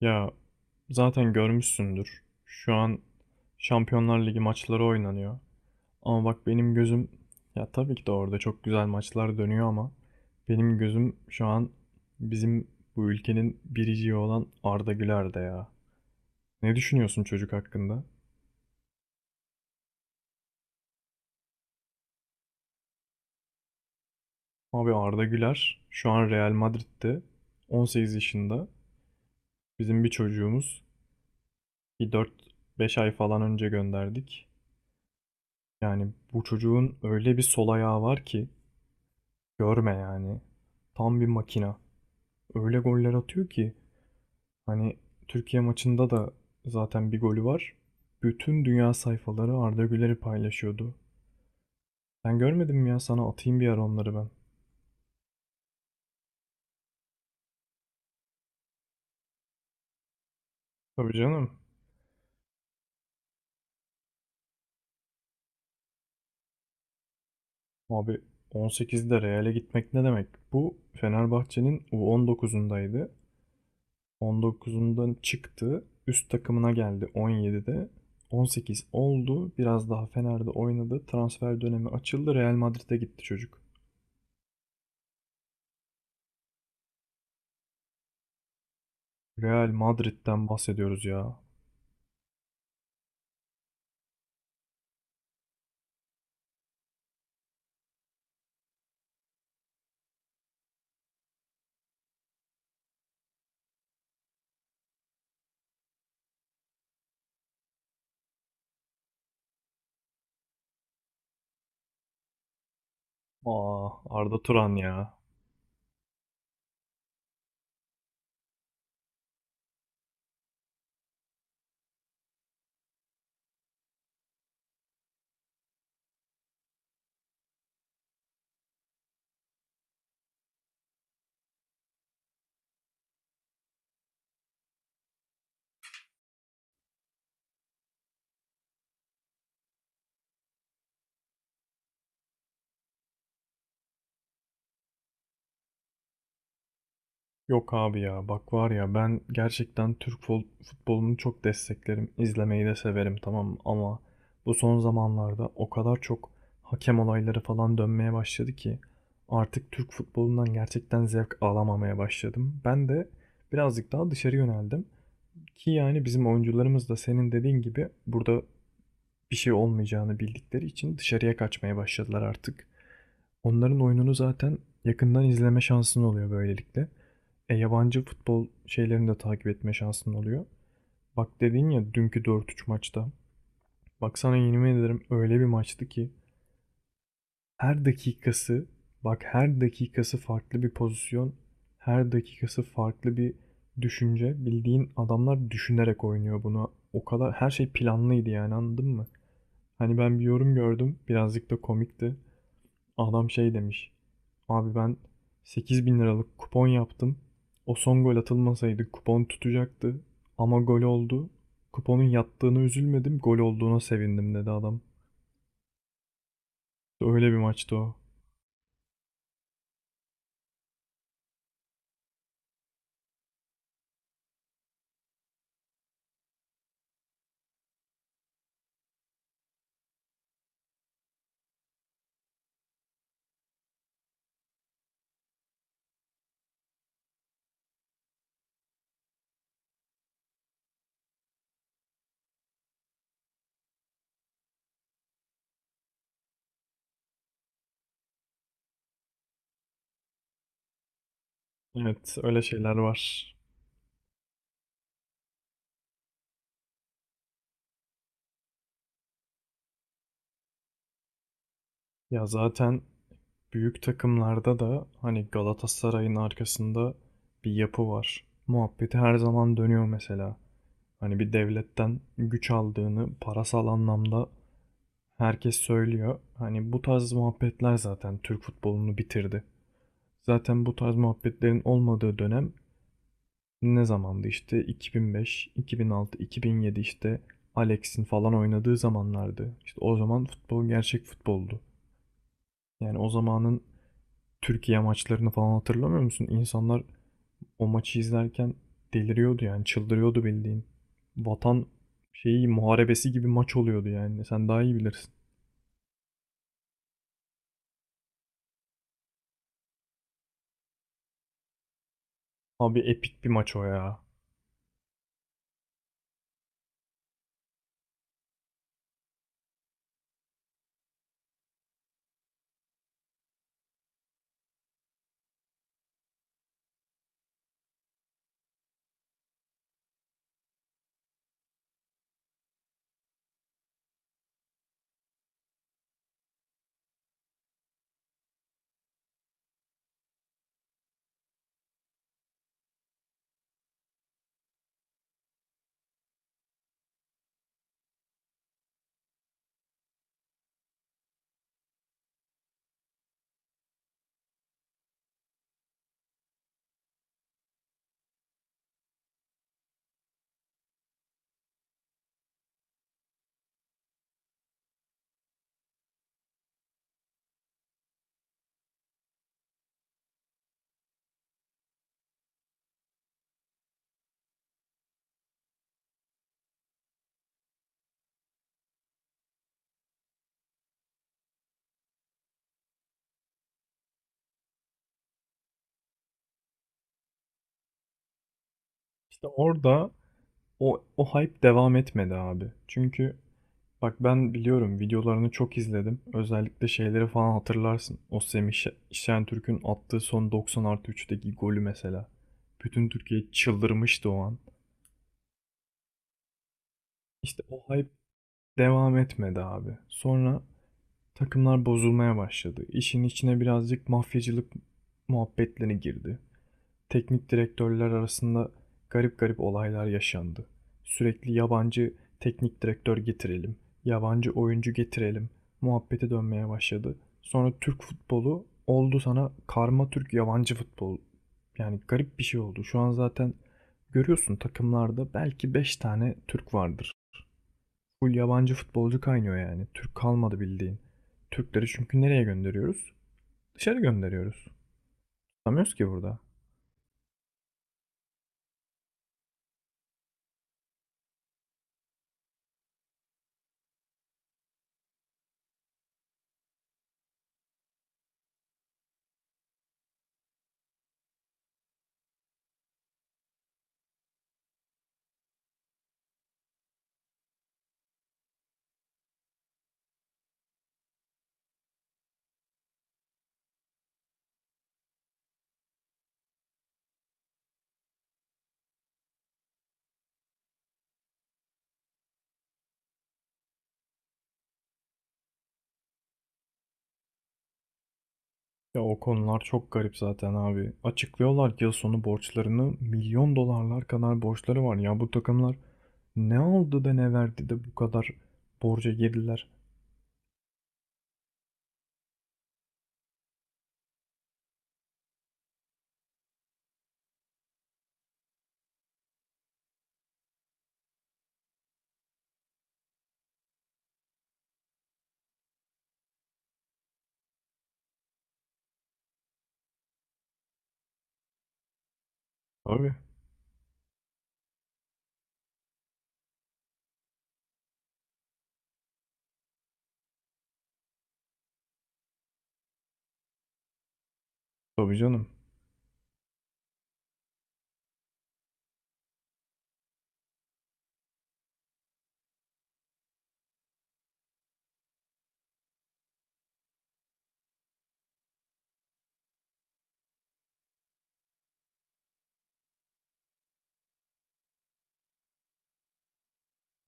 Ya zaten görmüşsündür. Şu an Şampiyonlar Ligi maçları oynanıyor. Ama bak benim gözüm, ya tabii ki de orada çok güzel maçlar dönüyor ama benim gözüm şu an bizim bu ülkenin biriciği olan Arda Güler'de ya. Ne düşünüyorsun çocuk hakkında? Abi Arda Güler şu an Real Madrid'de, 18 yaşında. Bizim bir çocuğumuz, bir 4-5 ay falan önce gönderdik. Yani bu çocuğun öyle bir sol ayağı var ki görme yani. Tam bir makina. Öyle goller atıyor ki, hani Türkiye maçında da zaten bir golü var. Bütün dünya sayfaları Arda Güler'i paylaşıyordu. Sen görmedin mi ya? Sana atayım bir ara onları ben. Tabii canım. Abi 18'de Real'e gitmek ne demek? Bu Fenerbahçe'nin U19'undaydı. 19'undan çıktı. Üst takımına geldi 17'de. 18 oldu. Biraz daha Fener'de oynadı. Transfer dönemi açıldı. Real Madrid'e gitti çocuk. Real Madrid'den bahsediyoruz ya. Aa, Arda Turan ya. Yok abi ya, bak var ya, ben gerçekten Türk futbolunu çok desteklerim. İzlemeyi de severim, tamam mı? Ama bu son zamanlarda o kadar çok hakem olayları falan dönmeye başladı ki artık Türk futbolundan gerçekten zevk alamamaya başladım. Ben de birazcık daha dışarı yöneldim, ki yani bizim oyuncularımız da senin dediğin gibi burada bir şey olmayacağını bildikleri için dışarıya kaçmaya başladılar artık. Onların oyununu zaten yakından izleme şansın oluyor böylelikle. E, yabancı futbol şeylerini de takip etme şansın oluyor. Bak dedin ya, dünkü 4-3 maçta. Bak sana yemin ederim öyle bir maçtı ki, her dakikası, bak her dakikası farklı bir pozisyon. Her dakikası farklı bir düşünce. Bildiğin adamlar düşünerek oynuyor bunu. O kadar her şey planlıydı yani, anladın mı? Hani ben bir yorum gördüm. Birazcık da komikti. Adam şey demiş. Abi ben 8 bin liralık kupon yaptım. O son gol atılmasaydı kupon tutacaktı. Ama gol oldu. Kuponun yattığını üzülmedim, gol olduğuna sevindim, dedi adam. İşte öyle bir maçtı o. Evet, öyle şeyler var. Ya zaten büyük takımlarda da, hani Galatasaray'ın arkasında bir yapı var, muhabbeti her zaman dönüyor mesela. Hani bir devletten güç aldığını parasal anlamda herkes söylüyor. Hani bu tarz muhabbetler zaten Türk futbolunu bitirdi. Zaten bu tarz muhabbetlerin olmadığı dönem ne zamandı? İşte 2005, 2006, 2007, işte Alex'in falan oynadığı zamanlardı. İşte o zaman futbol gerçek futboldu. Yani o zamanın Türkiye maçlarını falan hatırlamıyor musun? İnsanlar o maçı izlerken deliriyordu, yani çıldırıyordu bildiğin. Vatan şeyi muharebesi gibi maç oluyordu yani. Sen daha iyi bilirsin. Abi epik bir maç o ya. İşte orada O hype devam etmedi abi. Çünkü bak ben biliyorum, videolarını çok izledim. Özellikle şeyleri falan hatırlarsın. O Semih Şentürk'ün attığı son 90 artı 3'teki golü mesela. Bütün Türkiye çıldırmıştı o an. İşte o hype devam etmedi abi. Sonra takımlar bozulmaya başladı. İşin içine birazcık mafyacılık muhabbetleri girdi. Teknik direktörler arasında garip garip olaylar yaşandı. Sürekli yabancı teknik direktör getirelim, yabancı oyuncu getirelim muhabbeti dönmeye başladı. Sonra Türk futbolu oldu sana karma Türk yabancı futbol. Yani garip bir şey oldu. Şu an zaten görüyorsun, takımlarda belki 5 tane Türk vardır. Full yabancı futbolcu kaynıyor yani. Türk kalmadı bildiğin. Türkleri çünkü nereye gönderiyoruz? Dışarı gönderiyoruz. Tutamıyoruz ki burada. Ya o konular çok garip zaten abi. Açıklıyorlar ki yıl sonu borçlarını, milyon dolarlar kadar borçları var. Ya bu takımlar ne aldı da ne verdi de bu kadar borca girdiler? Abi. Tabii canım.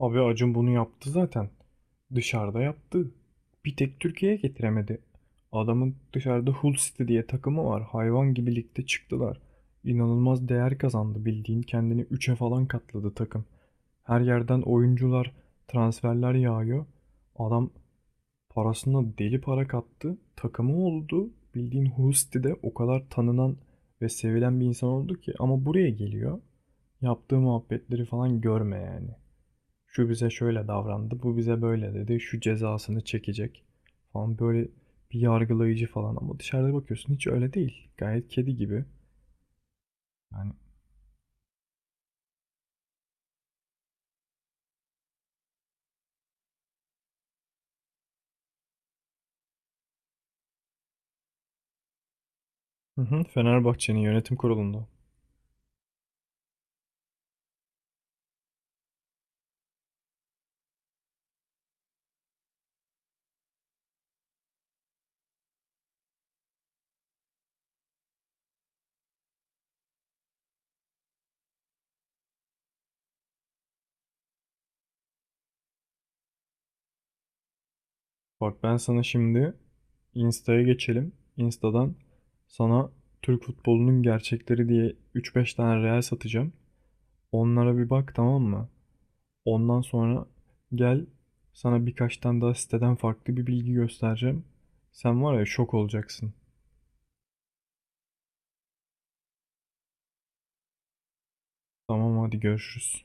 Abi Acun bunu yaptı zaten. Dışarıda yaptı. Bir tek Türkiye'ye getiremedi. Adamın dışarıda Hull City diye takımı var. Hayvan gibi ligde çıktılar. İnanılmaz değer kazandı bildiğin. Kendini üçe falan katladı takım. Her yerden oyuncular, transferler yağıyor. Adam parasına deli para kattı. Takımı oldu. Bildiğin Hull City'de o kadar tanınan ve sevilen bir insan oldu ki. Ama buraya geliyor. Yaptığı muhabbetleri falan görme yani. Şu bize şöyle davrandı, bu bize böyle dedi, şu cezasını çekecek falan, böyle bir yargılayıcı falan, ama dışarıda bakıyorsun hiç öyle değil. Gayet kedi gibi. Yani. Hı hı, Fenerbahçe'nin yönetim kurulunda. Bak ben sana şimdi Insta'ya geçelim. Insta'dan sana Türk futbolunun gerçekleri diye 3-5 tane reel satacağım. Onlara bir bak, tamam mı? Ondan sonra gel, sana birkaç tane daha siteden farklı bir bilgi göstereceğim. Sen var ya, şok olacaksın. Tamam, hadi görüşürüz.